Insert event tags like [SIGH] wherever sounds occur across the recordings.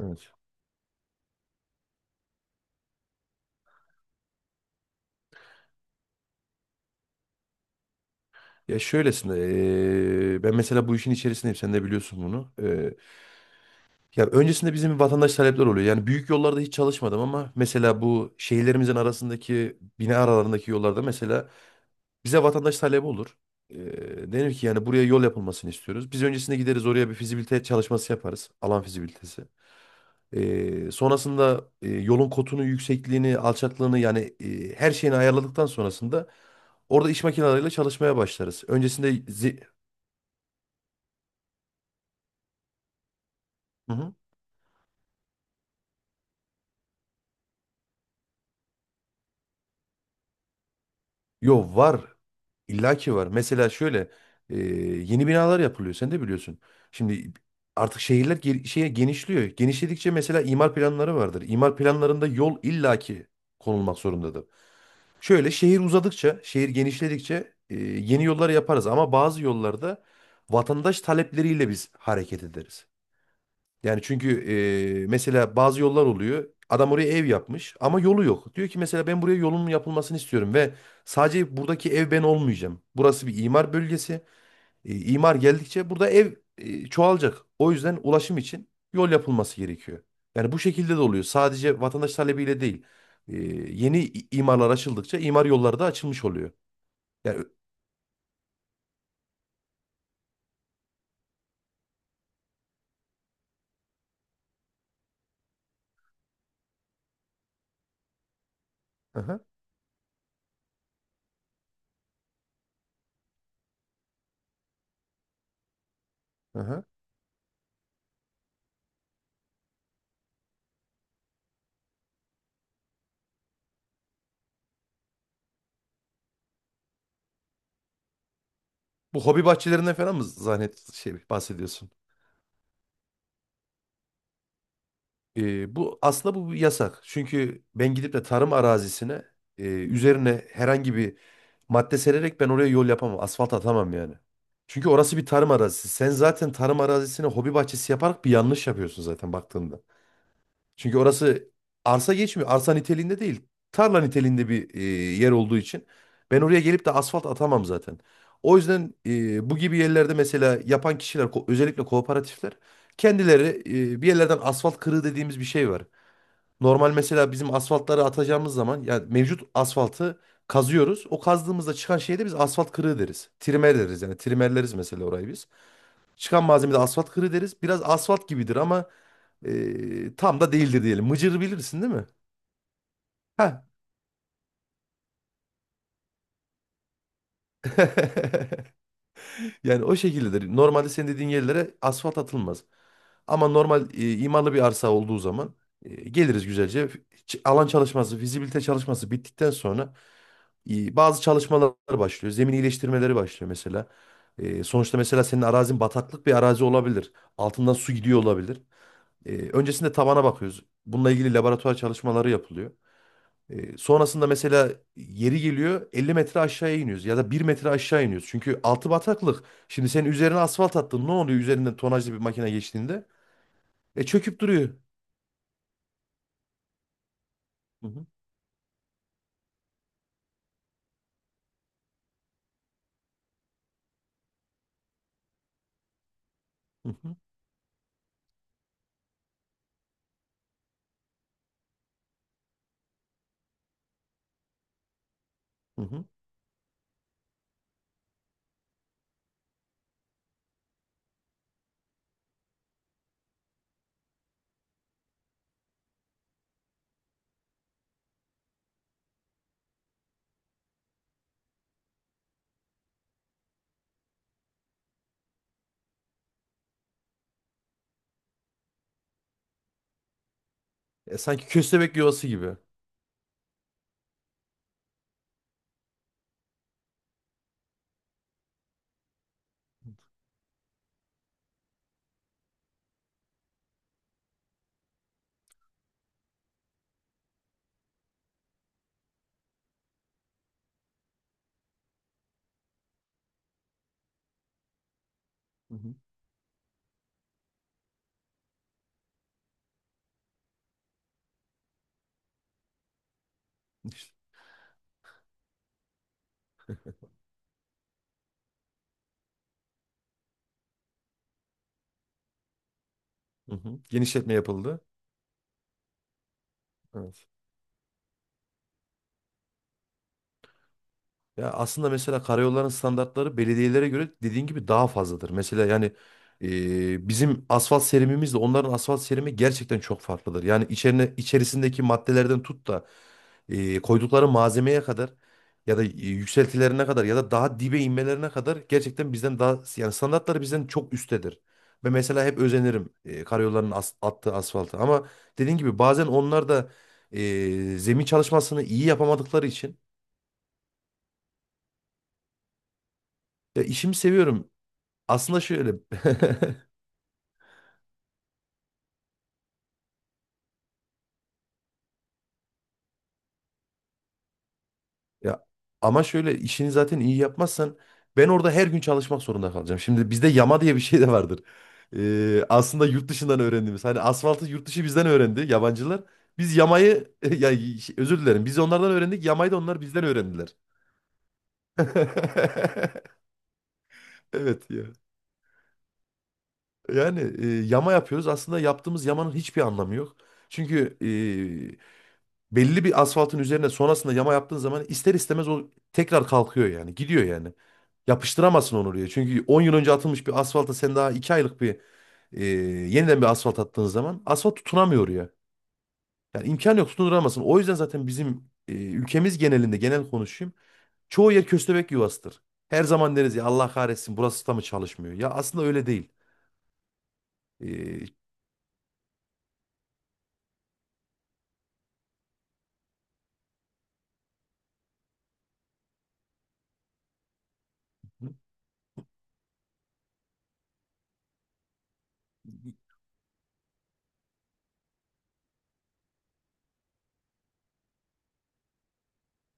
Evet. Ya şöylesine ben mesela bu işin içerisindeyim sen de biliyorsun bunu. Ya öncesinde bizim vatandaş talepler oluyor. Yani büyük yollarda hiç çalışmadım ama mesela bu şehirlerimizin arasındaki bina aralarındaki yollarda mesela bize vatandaş talebi olur. Denir ki yani buraya yol yapılmasını istiyoruz. Biz öncesinde gideriz oraya bir fizibilite çalışması yaparız. Alan fizibilitesi. Sonrasında yolun kotunu, yüksekliğini, alçaklığını yani her şeyini ayarladıktan sonrasında orada iş makineleriyle çalışmaya başlarız. Öncesinde hı hı. Yo var. İlla ki var. Mesela şöyle e, yeni binalar yapılıyor. Sen de biliyorsun. Şimdi artık şehirler şeye genişliyor. Genişledikçe mesela imar planları vardır. İmar planlarında yol illaki konulmak zorundadır. Şöyle şehir uzadıkça, şehir genişledikçe yeni yollar yaparız. Ama bazı yollarda vatandaş talepleriyle biz hareket ederiz. Yani çünkü mesela bazı yollar oluyor. Adam oraya ev yapmış ama yolu yok. Diyor ki mesela ben buraya yolun yapılmasını istiyorum ve sadece buradaki ev ben olmayacağım. Burası bir imar bölgesi. İmar geldikçe burada ev çoğalacak. O yüzden ulaşım için yol yapılması gerekiyor. Yani bu şekilde de oluyor. Sadece vatandaş talebiyle değil. E, yeni imarlar açıldıkça imar yolları da açılmış oluyor. Yani, aha, aha. Bu hobi bahçelerinden falan mı zannet şey bahsediyorsun? Bu aslında bu bir yasak. Çünkü ben gidip de tarım arazisine üzerine herhangi bir madde sererek ben oraya yol yapamam. Asfalt atamam yani. Çünkü orası bir tarım arazisi. Sen zaten tarım arazisine hobi bahçesi yaparak bir yanlış yapıyorsun zaten baktığında. Çünkü orası arsa geçmiyor. Arsa niteliğinde değil. Tarla niteliğinde bir yer olduğu için ben oraya gelip de asfalt atamam zaten. O yüzden bu gibi yerlerde mesela yapan kişiler özellikle kooperatifler kendileri bir yerlerden asfalt kırığı dediğimiz bir şey var. Normal mesela bizim asfaltları atacağımız zaman yani mevcut asfaltı kazıyoruz. O kazdığımızda çıkan şeye de biz asfalt kırığı deriz. Trimer deriz yani trimerleriz mesela orayı biz. Çıkan malzeme asfalt kırığı deriz. Biraz asfalt gibidir ama tam da değildir diyelim. Mıcır bilirsin değil mi? Ha. [LAUGHS] Yani o şekildedir. Normalde senin dediğin yerlere asfalt atılmaz. Ama normal imarlı bir arsa olduğu zaman geliriz güzelce. Alan çalışması, fizibilite çalışması bittikten sonra bazı çalışmalar başlıyor. Zemin iyileştirmeleri başlıyor mesela. Sonuçta mesela senin arazin bataklık bir arazi olabilir. Altından su gidiyor olabilir. Öncesinde tabana bakıyoruz. Bununla ilgili laboratuvar çalışmaları yapılıyor. Sonrasında mesela yeri geliyor 50 metre aşağıya iniyoruz ya da 1 metre aşağı iniyoruz. Çünkü altı bataklık. Şimdi sen üzerine asfalt attın ne oluyor üzerinden tonajlı bir makine geçtiğinde? E çöküp duruyor. Hı hı, hı hı, hı hı. E, sanki köstebek yuvası gibi. Hı hı. İşte, hı hı. Genişletme yapıldı. Evet. Ya aslında mesela karayolların standartları belediyelere göre dediğin gibi daha fazladır. Mesela yani bizim asfalt serimimizle onların asfalt serimi gerçekten çok farklıdır. Yani içerisindeki maddelerden tut da koydukları malzemeye kadar ya da yükseltilerine kadar ya da daha dibe inmelerine kadar gerçekten bizden daha yani standartları bizden çok üsttedir. Ve mesela hep özenirim karayolların attığı asfaltı ama dediğin gibi bazen onlar da zemin çalışmasını iyi yapamadıkları için ya işimi seviyorum. Aslında şöyle [LAUGHS] ya ama şöyle işini zaten iyi yapmazsan ben orada her gün çalışmak zorunda kalacağım. Şimdi bizde yama diye bir şey de vardır. Aslında yurt dışından öğrendiğimiz. Hani asfaltı yurt dışı bizden öğrendi yabancılar. Biz yamayı [LAUGHS] ya şey, özür dilerim. Biz onlardan öğrendik. Yamayı da onlar bizden öğrendiler. [LAUGHS] Evet ya. Yani yama yapıyoruz. Aslında yaptığımız yamanın hiçbir anlamı yok. Çünkü belli bir asfaltın üzerine sonrasında yama yaptığın zaman ister istemez o tekrar kalkıyor yani. Gidiyor yani. Yapıştıramazsın onu oraya. Çünkü 10 yıl önce atılmış bir asfalta sen daha 2 aylık bir yeniden bir asfalt attığın zaman asfalt tutunamıyor oraya. Yani imkan yok tutunduramazsın. O yüzden zaten bizim ülkemiz genelinde genel konuşayım. Çoğu yer köstebek yuvasıdır. Her zaman deriz ya Allah kahretsin burası da mı çalışmıyor? Ya aslında öyle değil. E,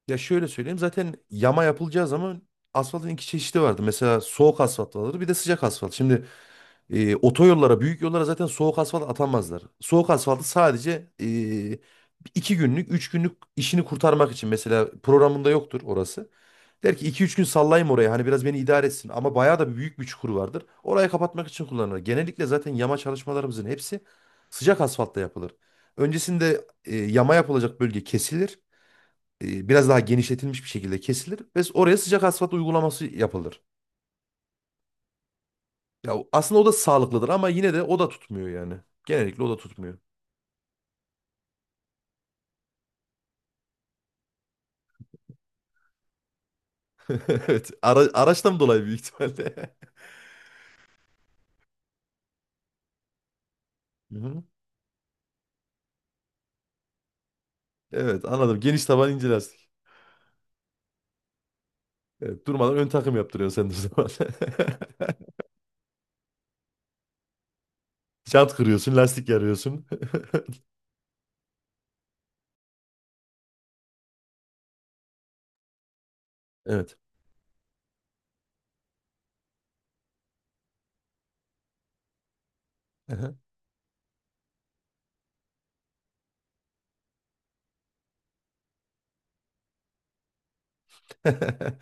ya şöyle söyleyeyim zaten yama yapılacağı zaman asfaltın iki çeşidi vardı. Mesela soğuk asfalt vardır bir de sıcak asfalt. Şimdi otoyollara, büyük yollara zaten soğuk asfalt atamazlar. Soğuk asfaltı sadece 2 günlük, 3 günlük işini kurtarmak için. Mesela programında yoktur orası. Der ki 2-3 gün sallayayım oraya hani biraz beni idare etsin. Ama bayağı da büyük bir çukur vardır. Orayı kapatmak için kullanılır. Genellikle zaten yama çalışmalarımızın hepsi sıcak asfaltta yapılır. Öncesinde yama yapılacak bölge kesilir. Biraz daha genişletilmiş bir şekilde kesilir. Ve oraya sıcak asfalt uygulaması yapılır. Ya o- aslında o da sağlıklıdır ama yine de o da tutmuyor yani. Genellikle o da tutmuyor. [LAUGHS] Evet. Araçtan dolayı büyük ihtimalle. [LAUGHS] Hı hı. Evet anladım. Geniş taban ince lastik. Evet, durmadan ön takım yaptırıyorsun sen de o zaman. [LAUGHS] Jant kırıyorsun, lastik yarıyorsun. [LAUGHS] Evet. Aha. [LAUGHS]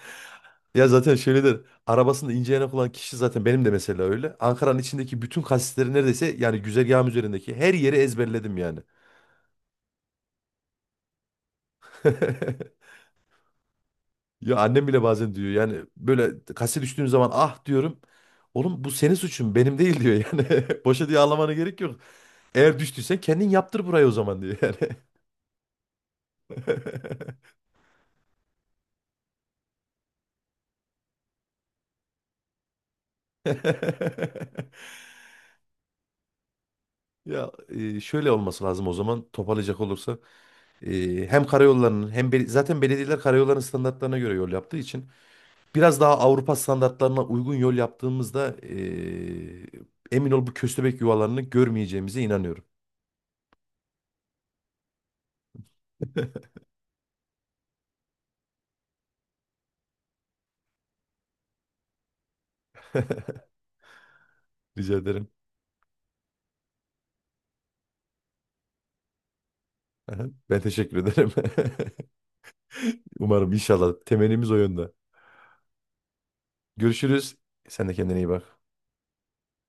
Ya zaten şöyledir. Arabasında ince yanak olan kişi zaten benim de mesela öyle. Ankara'nın içindeki bütün kasisleri neredeyse yani güzergahım üzerindeki her yeri ezberledim yani. [LAUGHS] Ya annem bile bazen diyor yani böyle kase düştüğüm zaman ah diyorum. Oğlum bu senin suçun benim değil diyor yani. [LAUGHS] Boşa diye ağlamana gerek yok. Eğer düştüysen kendin yaptır burayı o zaman diyor yani. [LAUGHS] Ya şöyle olması lazım o zaman toparlayacak olursa hem karayollarının hem zaten belediyeler karayollarının standartlarına göre yol yaptığı için biraz daha Avrupa standartlarına uygun yol yaptığımızda emin ol bu köstebek yuvalarını görmeyeceğimize inanıyorum. [LAUGHS] Rica ederim. [LAUGHS] Aha, ben teşekkür ederim. [LAUGHS] Umarım inşallah temennimiz o yönde. Görüşürüz. Sen de kendine iyi bak.